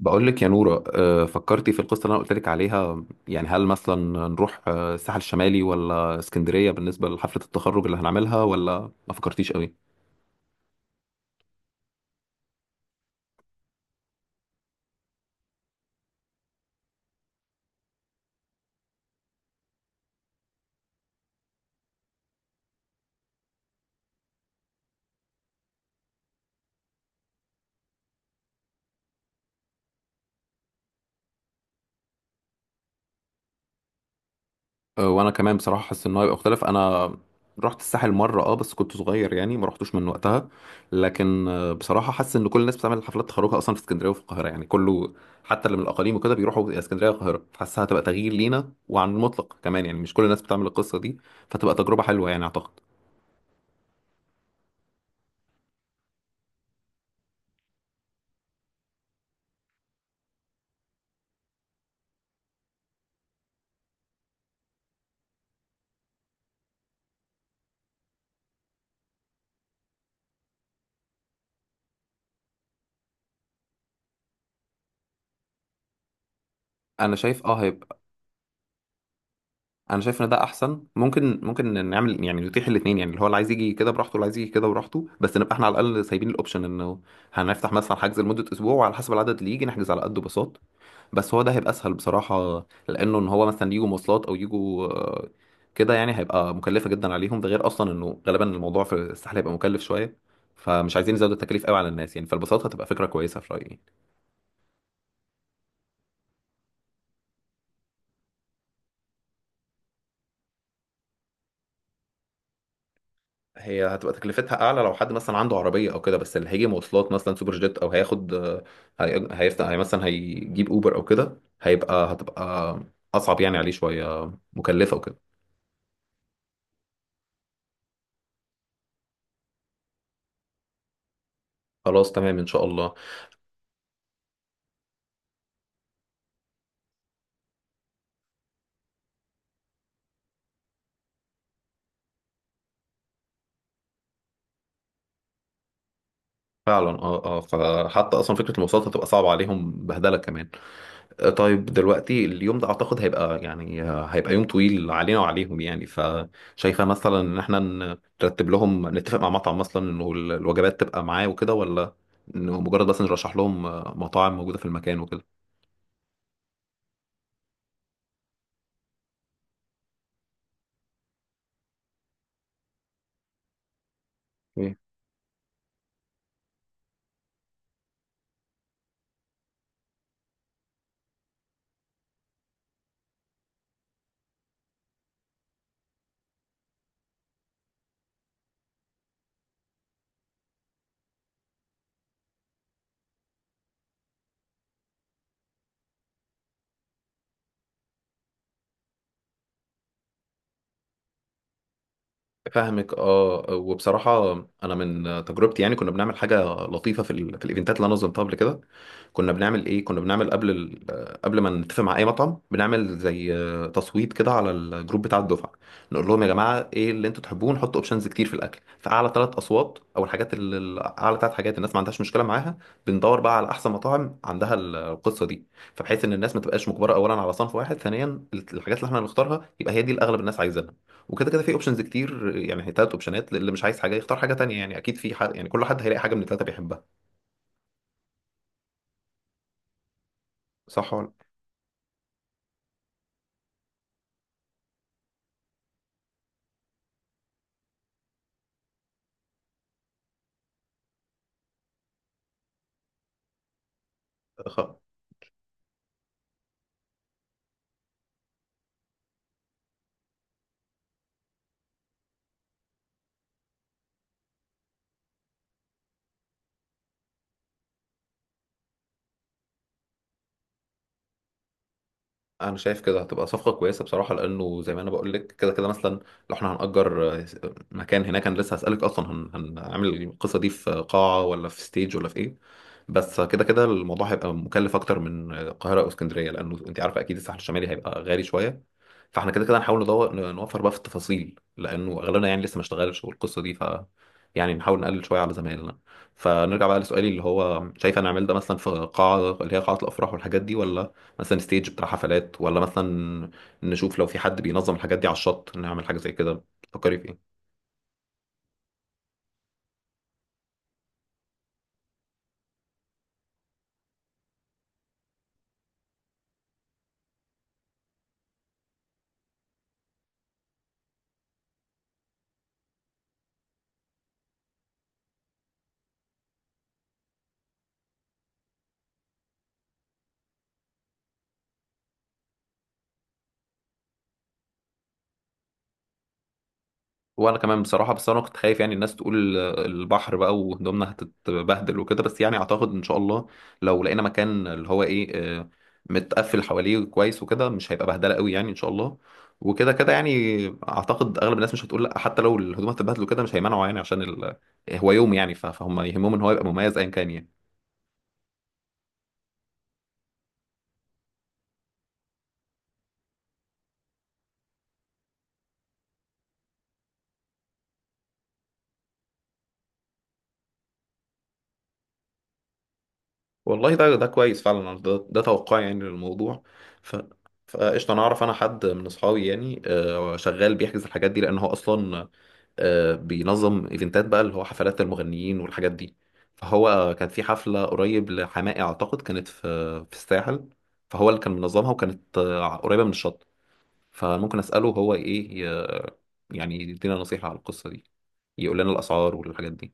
بقول لك يا نورة، فكرتي في القصة اللي أنا قلت لك عليها. يعني هل مثلا نروح الساحل الشمالي ولا اسكندرية بالنسبة لحفلة التخرج اللي هنعملها، ولا ما فكرتيش قوي؟ وأنا كمان بصراحة حاسس إن هو هيبقى مختلف. أنا رحت الساحل مرة بس كنت صغير، يعني ما رحتوش من وقتها. لكن بصراحة حاسس إن كل الناس بتعمل حفلات تخرجها أصلا في اسكندرية وفي القاهرة، يعني كله حتى اللي من الأقاليم وكده بيروحوا يا اسكندرية يا القاهرة. حاسسها هتبقى تغيير لينا وعن المطلق كمان، يعني مش كل الناس بتعمل القصة دي، فتبقى تجربة حلوة يعني أعتقد. انا شايف اه هيبقى انا شايف ان ده احسن. ممكن نعمل، يعني نتيح الاثنين، يعني اللي هو اللي عايز يجي كده براحته واللي عايز يجي كده براحته، بس نبقى احنا على الاقل سايبين الاوبشن انه هنفتح مثلا حجز لمده اسبوع، وعلى حسب العدد اللي يجي نحجز على قده باصات. بس هو ده هيبقى اسهل بصراحه، لانه ان هو مثلا يجوا مواصلات او يجوا كده، يعني هيبقى مكلفه جدا عليهم. ده غير اصلا انه غالبا الموضوع في الساحل هيبقى مكلف شويه، فمش عايزين نزود التكاليف قوي على الناس يعني، فالباصات هتبقى فكره كويسه في رايي. هي هتبقى تكلفتها اعلى لو حد مثلا عنده عربيه او كده، بس اللي هيجي مواصلات مثلا سوبر جيت او هياخد هيفتح، هي مثلا هيجيب اوبر او كده، هتبقى اصعب يعني عليه شويه، مكلفه وكده. خلاص تمام ان شاء الله. فعلا اه اه، فحتى اصلا فكره المواصلات هتبقى صعبه عليهم، بهدله كمان. طيب دلوقتي، اليوم ده اعتقد هيبقى يعني هيبقى يوم طويل علينا وعليهم، يعني فشايفه مثلا ان احنا نرتب لهم، نتفق مع مطعم مثلا انه الوجبات تبقى معاه وكده، ولا انه مجرد بس نرشح لهم مطاعم موجوده في المكان وكده؟ إيه؟ فاهمك اه وبصراحه، انا من تجربتي يعني كنا بنعمل حاجه لطيفه في في الايفنتات اللي انا نظمتها قبل كده. كنا بنعمل قبل قبل ما نتفق مع اي مطعم، بنعمل زي تصويت كده على الجروب بتاع الدفعه. نقول لهم يا جماعه، ايه اللي انتوا تحبوه، نحط اوبشنز كتير في الاكل، فاعلى ثلاث اصوات او الحاجات اللي اعلى ثلاث حاجات الناس ما عندهاش مشكله معاها، بندور بقى على احسن مطاعم عندها القصه دي. فبحيث ان الناس ما تبقاش مجبره اولا على صنف واحد، ثانيا الحاجات اللي احنا هنختارها يبقى هي دي اللي اغلب الناس عايزينها. وكده كده في اوبشنز كتير، يعني هي ثلاث اوبشنات، اللي مش عايز حاجه يختار حاجه تانية، يعني اكيد في حد، يعني كل حد هيلاقي حاجه من الثلاثه بيحبها. صح ولا؟ خ- انا شايف كده هتبقى صفقه كويسه بصراحه، لانه زي ما انا بقول لك كده كده، مثلا لو احنا هنأجر مكان هناك. انا لسه هسألك اصلا هنعمل القصه دي في قاعه ولا في ستيج ولا في ايه؟ بس كده كده الموضوع هيبقى مكلف اكتر من القاهره او اسكندريه، لانه انت عارفه اكيد الساحل الشمالي هيبقى غالي شويه. فاحنا كده كده هنحاول ندور نوفر بقى في التفاصيل، لانه اغلبنا يعني لسه ما اشتغلش والقصه دي، يعني نحاول نقلل شويه على زمايلنا. فنرجع بقى لسؤالي، اللي هو شايف انا اعمل ده مثلا في قاعه اللي هي قاعه الافراح والحاجات دي، ولا مثلا ستيج بتاع حفلات، ولا مثلا نشوف لو في حد بينظم الحاجات دي على الشط نعمل حاجة زي كده؟ تفكري في ايه؟ وانا كمان بصراحة، بس انا كنت خايف يعني الناس تقول البحر بقى وهدومنا هتتبهدل وكده، بس يعني اعتقد ان شاء الله لو لقينا مكان اللي هو ايه آه، متقفل حواليه كويس وكده، مش هيبقى بهدلة قوي يعني ان شاء الله. وكده كده يعني اعتقد اغلب الناس مش هتقول لا، حتى لو الهدوم هتتبهدل وكده مش هيمنعوا، يعني عشان هو يوم يعني، فهم يهمهم ان هو يبقى مميز ايا كان يعني. والله ده كويس فعلا. ده توقعي يعني للموضوع. ف فقشطة، أنا أعرف أنا حد من أصحابي يعني شغال بيحجز الحاجات دي، لأن هو أصلا بينظم إيفنتات بقى اللي هو حفلات المغنيين والحاجات دي. فهو كان في حفلة قريب لحماقي أعتقد، كانت في الساحل. فهو اللي كان منظمها، وكانت قريبة من الشط. فممكن أسأله هو إيه، يعني يدينا نصيحة على القصة دي، يقول لنا الأسعار والحاجات دي.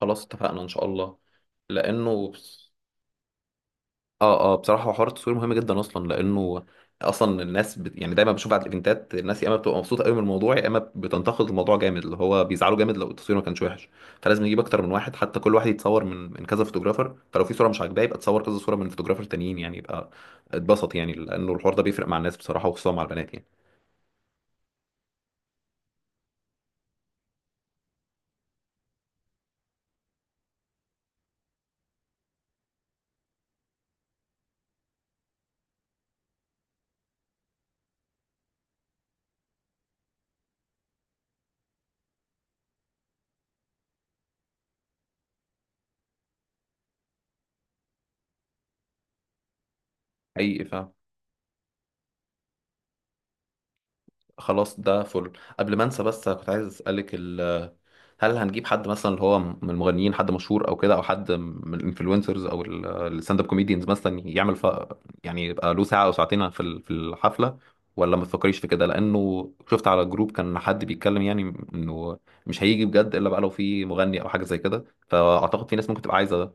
خلاص اتفقنا إن شاء الله. لأنه اه اه بصراحه، هو حوار التصوير مهم جدا اصلا، لانه اصلا الناس يعني دايما بشوف بعد الايفنتات، الناس يا اما بتبقى مبسوطه قوي من الموضوع، يا اما بتنتقد الموضوع جامد، اللي هو بيزعلوا جامد لو التصوير ما كانش وحش. فلازم نجيب اكتر من واحد، حتى كل واحد يتصور من كذا فوتوجرافر، فلو في صوره مش عاجباه يبقى تصور كذا صوره من فوتوجرافر تانيين، يعني يبقى اتبسط يعني، لانه الحوار ده بيفرق مع الناس بصراحه، وخصوصا مع البنات يعني. حقيقي. فخلاص ده فل قبل ما انسى، بس كنت عايز اسالك: هل هنجيب حد مثلا اللي هو من المغنيين، حد مشهور او كده، او حد من الانفلونسرز او الستاند اب كوميديانز مثلا يعمل يعني يبقى له ساعه او ساعتين في في الحفله، ولا ما تفكريش في كده؟ لانه شفت على جروب كان حد بيتكلم، يعني انه مش هيجي بجد الا بقى لو في مغني او حاجه زي كده، فاعتقد في ناس ممكن تبقى عايزه ده.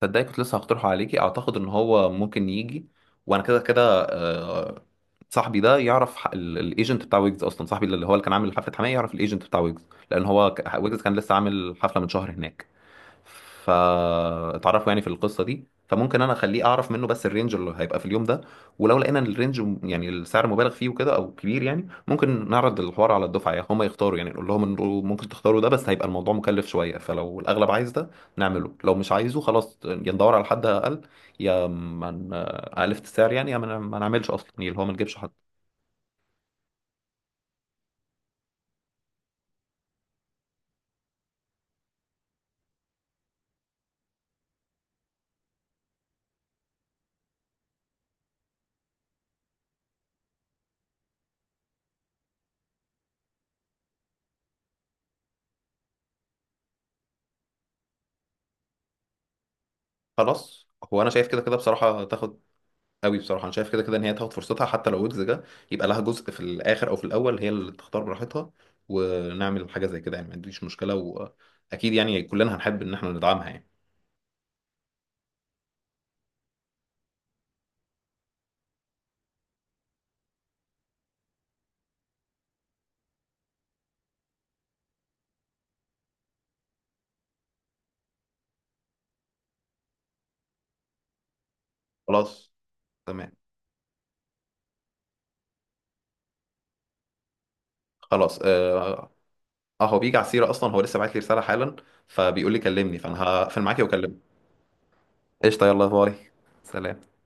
تصدقي كنت لسه هقترحه عليكي، اعتقد ان هو ممكن يجي. وانا كده كده صاحبي ده يعرف الايجنت بتاع ويجز، اصلا صاحبي اللي هو اللي كان عامل حفله حماية يعرف الايجنت بتاع ويجز، لان هو ويجز كان لسه عامل حفله من شهر هناك. فاتعرفوا يعني في القصه دي، فممكن انا اخليه اعرف منه بس الرينج اللي هيبقى في اليوم ده. ولو لقينا ان الرينج يعني السعر مبالغ فيه وكده او كبير، يعني ممكن نعرض الحوار على الدفعه، يعني هم يختاروا، يعني نقول لهم انه ممكن تختاروا ده بس هيبقى الموضوع مكلف شويه، فلو الاغلب عايز ده نعمله، لو مش عايزه خلاص يا ندور على حد اقل، يا ما اقل في السعر يعني، يا ما ما نعملش اصلا، يعني اللي هو ما نجيبش حد. خلاص، هو انا شايف كده كده بصراحه تاخد قوي، بصراحه انا شايف كده كده ان هي تاخد فرصتها، حتى لو ويجز جه يبقى لها جزء في الاخر او في الاول، هي اللي تختار براحتها، ونعمل حاجه زي كده يعني. ما عنديش مشكله، واكيد يعني كلنا هنحب ان احنا ندعمها يعني. خلاص تمام. خلاص اه، هو بيجي على السيره اصلا، هو لسه بعت لي رساله حالا، فبيقول لي كلمني، فانا هقفل معاكي واكلمه. قشطه، يلا باي. سلام.